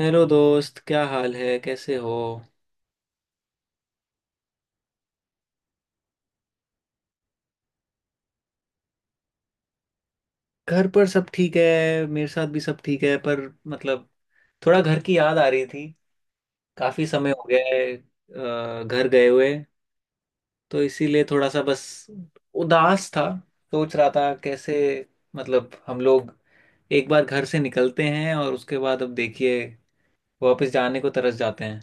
Hello दोस्त, क्या हाल है? कैसे हो? घर पर सब ठीक है। मेरे साथ भी सब ठीक है, पर मतलब थोड़ा घर की याद आ रही थी। काफी समय हो गया है घर गए हुए। तो इसीलिए थोड़ा सा बस उदास था। सोच रहा था कैसे, मतलब हम लोग एक बार घर से निकलते हैं और उसके बाद अब देखिए वापस जाने को तरस जाते हैं।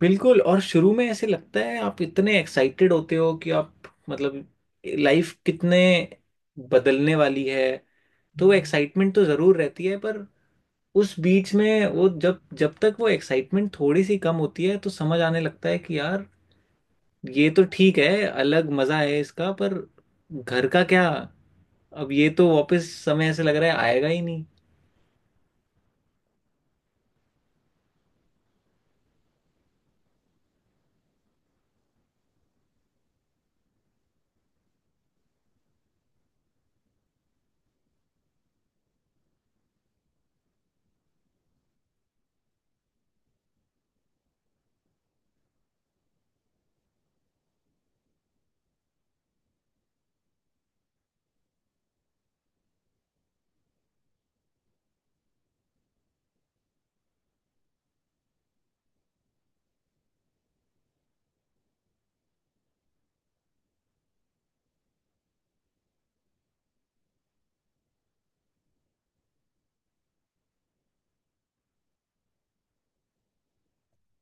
बिल्कुल, और शुरू में ऐसे लगता है आप इतने एक्साइटेड होते हो कि आप, मतलब लाइफ कितने बदलने वाली है। तो एक्साइटमेंट तो ज़रूर रहती है, पर उस बीच में वो जब जब तक वो एक्साइटमेंट थोड़ी सी कम होती है तो समझ आने लगता है कि यार, ये तो ठीक है, अलग मज़ा है इसका, पर घर का क्या। अब ये तो वापस समय ऐसे लग रहा है आएगा ही नहीं।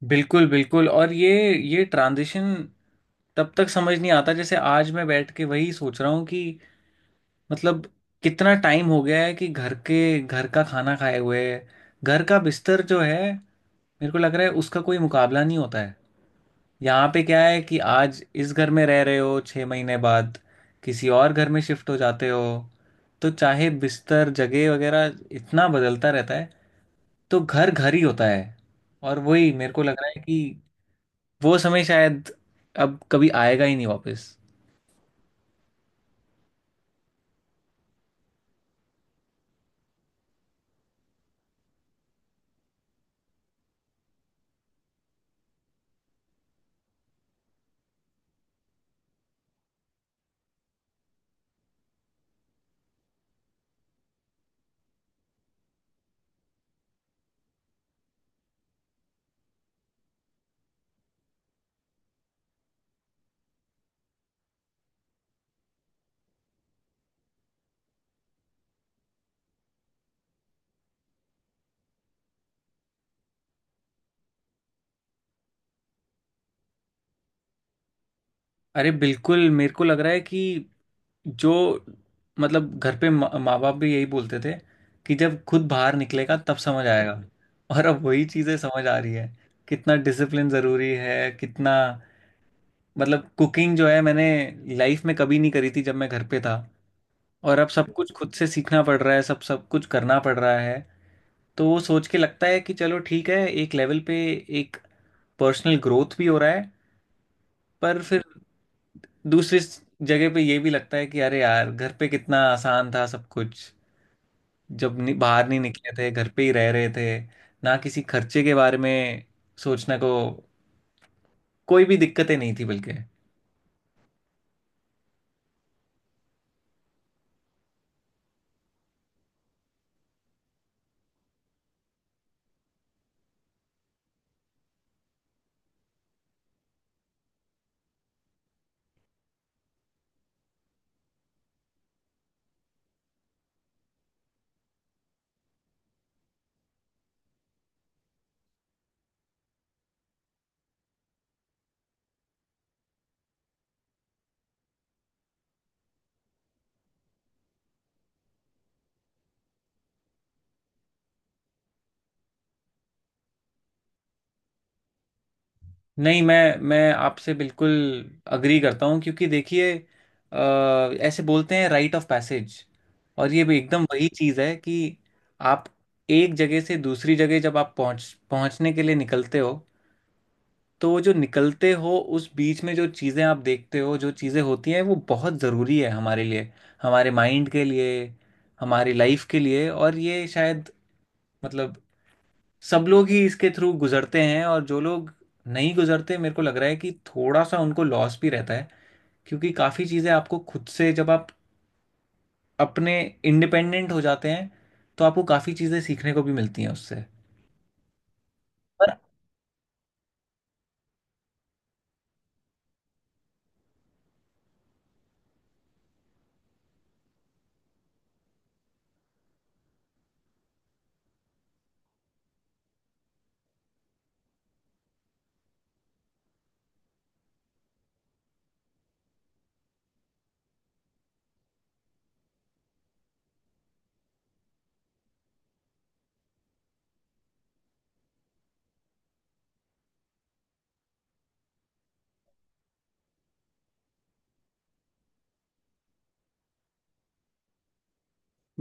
बिल्कुल बिल्कुल, और ये ट्रांजिशन तब तक समझ नहीं आता, जैसे आज मैं बैठ के वही सोच रहा हूँ कि मतलब कितना टाइम हो गया है कि घर का खाना खाए हुए। घर का बिस्तर जो है, मेरे को लग रहा है उसका कोई मुकाबला नहीं होता है। यहाँ पे क्या है कि आज इस घर में रह रहे हो, 6 महीने बाद किसी और घर में शिफ्ट हो जाते हो। तो चाहे बिस्तर जगह वगैरह इतना बदलता रहता है, तो घर घर ही होता है। और वही मेरे को लग रहा है कि वो समय शायद अब कभी आएगा ही नहीं वापस। अरे बिल्कुल, मेरे को लग रहा है कि जो मतलब घर पे मा माँ बाप भी यही बोलते थे कि जब खुद बाहर निकलेगा तब समझ आएगा। और अब वही चीज़ें समझ आ रही है। कितना डिसिप्लिन ज़रूरी है, कितना मतलब कुकिंग जो है, मैंने लाइफ में कभी नहीं करी थी जब मैं घर पे था। और अब सब कुछ खुद से सीखना पड़ रहा है, सब सब कुछ करना पड़ रहा है। तो वो सोच के लगता है कि चलो ठीक है, एक लेवल पे एक पर्सनल ग्रोथ भी हो रहा है। पर फिर दूसरी जगह पे ये भी लगता है कि अरे यार, घर पे कितना आसान था सब कुछ जब नि बाहर नहीं निकले थे, घर पे ही रह रहे थे। ना किसी खर्चे के बारे में सोचने को कोई भी दिक्कतें नहीं थी, बल्कि नहीं, मैं आपसे बिल्कुल अग्री करता हूँ, क्योंकि देखिए अ, ऐसे बोलते हैं राइट ऑफ पैसेज। और ये भी एकदम वही चीज़ है कि आप एक जगह से दूसरी जगह जब आप पहुँचने के लिए निकलते हो, तो वो जो निकलते हो उस बीच में जो चीज़ें आप देखते हो, जो चीज़ें होती हैं, वो बहुत ज़रूरी है हमारे लिए, हमारे माइंड के लिए, हमारी लाइफ के लिए। और ये शायद मतलब सब लोग ही इसके थ्रू गुजरते हैं, और जो लोग नहीं गुजरते, मेरे को लग रहा है कि थोड़ा सा उनको लॉस भी रहता है, क्योंकि काफ़ी चीज़ें आपको खुद से जब आप अपने इंडिपेंडेंट हो जाते हैं तो आपको काफ़ी चीज़ें सीखने को भी मिलती हैं उससे। पर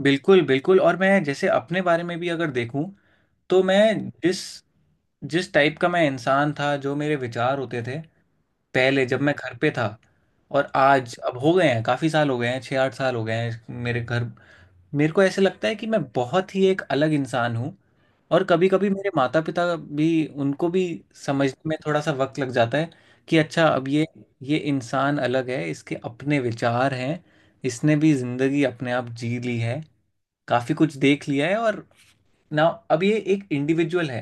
बिल्कुल बिल्कुल, और मैं जैसे अपने बारे में भी अगर देखूं तो मैं जिस जिस टाइप का मैं इंसान था, जो मेरे विचार होते थे पहले जब मैं घर पे था, और आज अब हो गए हैं काफ़ी साल हो गए हैं, 6-8 साल हो गए हैं मेरे घर, मेरे को ऐसे लगता है कि मैं बहुत ही एक अलग इंसान हूँ। और कभी कभी मेरे माता पिता भी, उनको भी समझने में थोड़ा सा वक्त लग जाता है कि अच्छा, अब ये इंसान अलग है, इसके अपने विचार हैं, इसने भी ज़िंदगी अपने आप जी ली है, काफ़ी कुछ देख लिया है और नाउ अब ये एक इंडिविजुअल है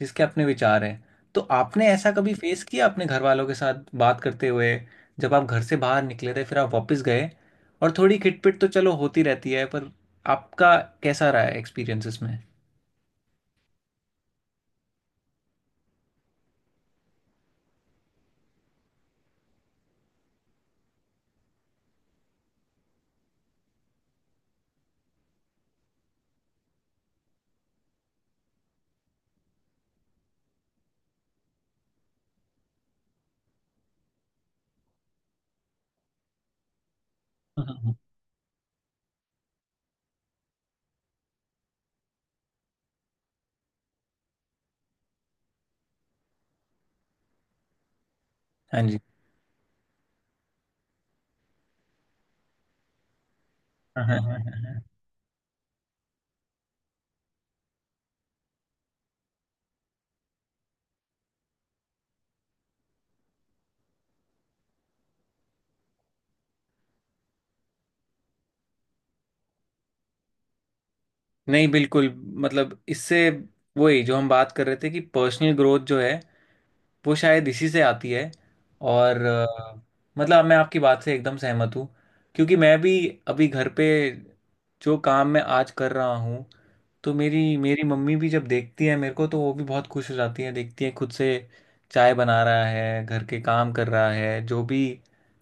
जिसके अपने विचार हैं। तो आपने ऐसा कभी फेस किया अपने घर वालों के साथ बात करते हुए, जब आप घर से बाहर निकले थे फिर आप वापस गए? और थोड़ी खिटपिट तो चलो होती रहती है, पर आपका कैसा रहा है एक्सपीरियंस इसमें? हम्म। हाँ जी। हाँ, हाँ, हाँ, हाँ, हाँ। नहीं बिल्कुल, मतलब इससे वही जो हम बात कर रहे थे कि पर्सनल ग्रोथ जो है, वो शायद इसी से आती है। और मतलब मैं आपकी बात से एकदम सहमत हूँ, क्योंकि मैं भी अभी घर पे, जो काम मैं आज कर रहा हूँ, तो मेरी मेरी मम्मी भी जब देखती है मेरे को तो वो भी बहुत खुश हो जाती है। देखती है खुद से चाय बना रहा है, घर के काम कर रहा है, जो भी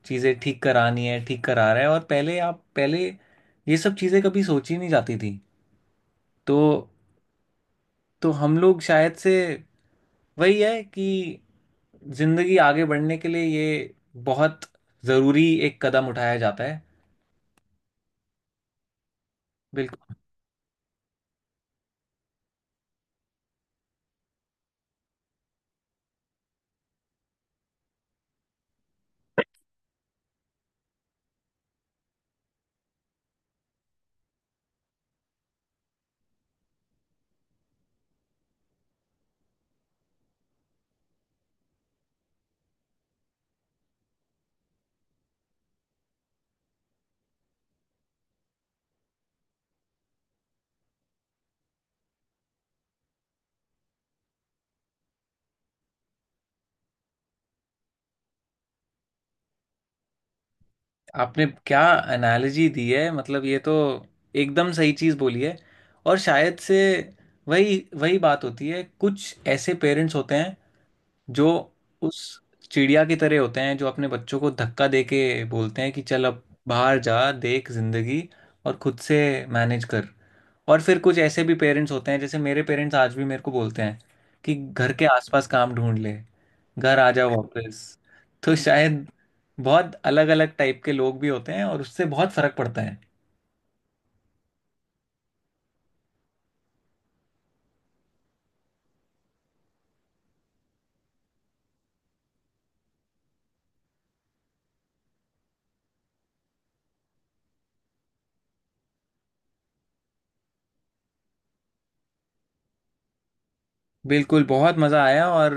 चीज़ें ठीक करानी है ठीक करा रहा है, और पहले, आप, पहले ये सब चीज़ें कभी सोची नहीं जाती थी। तो हम लोग शायद से वही है कि जिंदगी आगे बढ़ने के लिए ये बहुत जरूरी एक कदम उठाया जाता है। बिल्कुल। आपने क्या एनालॉजी दी है, मतलब ये तो एकदम सही चीज़ बोली है। और शायद से वही वही बात होती है, कुछ ऐसे पेरेंट्स होते हैं जो उस चिड़िया की तरह होते हैं, जो अपने बच्चों को धक्का दे के बोलते हैं कि चल अब बाहर जा, देख जिंदगी, और खुद से मैनेज कर। और फिर कुछ ऐसे भी पेरेंट्स होते हैं, जैसे मेरे पेरेंट्स आज भी मेरे को बोलते हैं कि घर के आसपास काम ढूंढ ले, घर आ जाओ वापस। तो शायद बहुत अलग अलग टाइप के लोग भी होते हैं और उससे बहुत फर्क पड़ता है। बिल्कुल, बहुत मज़ा आया। और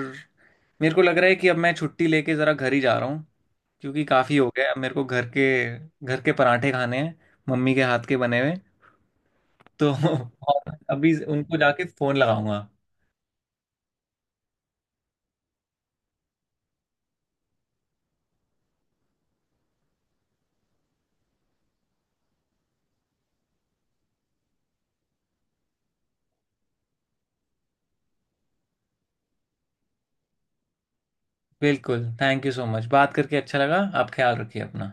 मेरे को लग रहा है कि अब मैं छुट्टी लेके ज़रा घर ही जा रहा हूँ, क्योंकि काफ़ी हो गया, अब मेरे को घर के पराठे खाने हैं, मम्मी के हाथ के बने हुए। तो और अभी उनको जाके फ़ोन लगाऊंगा। बिल्कुल, थैंक यू सो मच, बात करके अच्छा लगा। आप ख्याल रखिए अपना।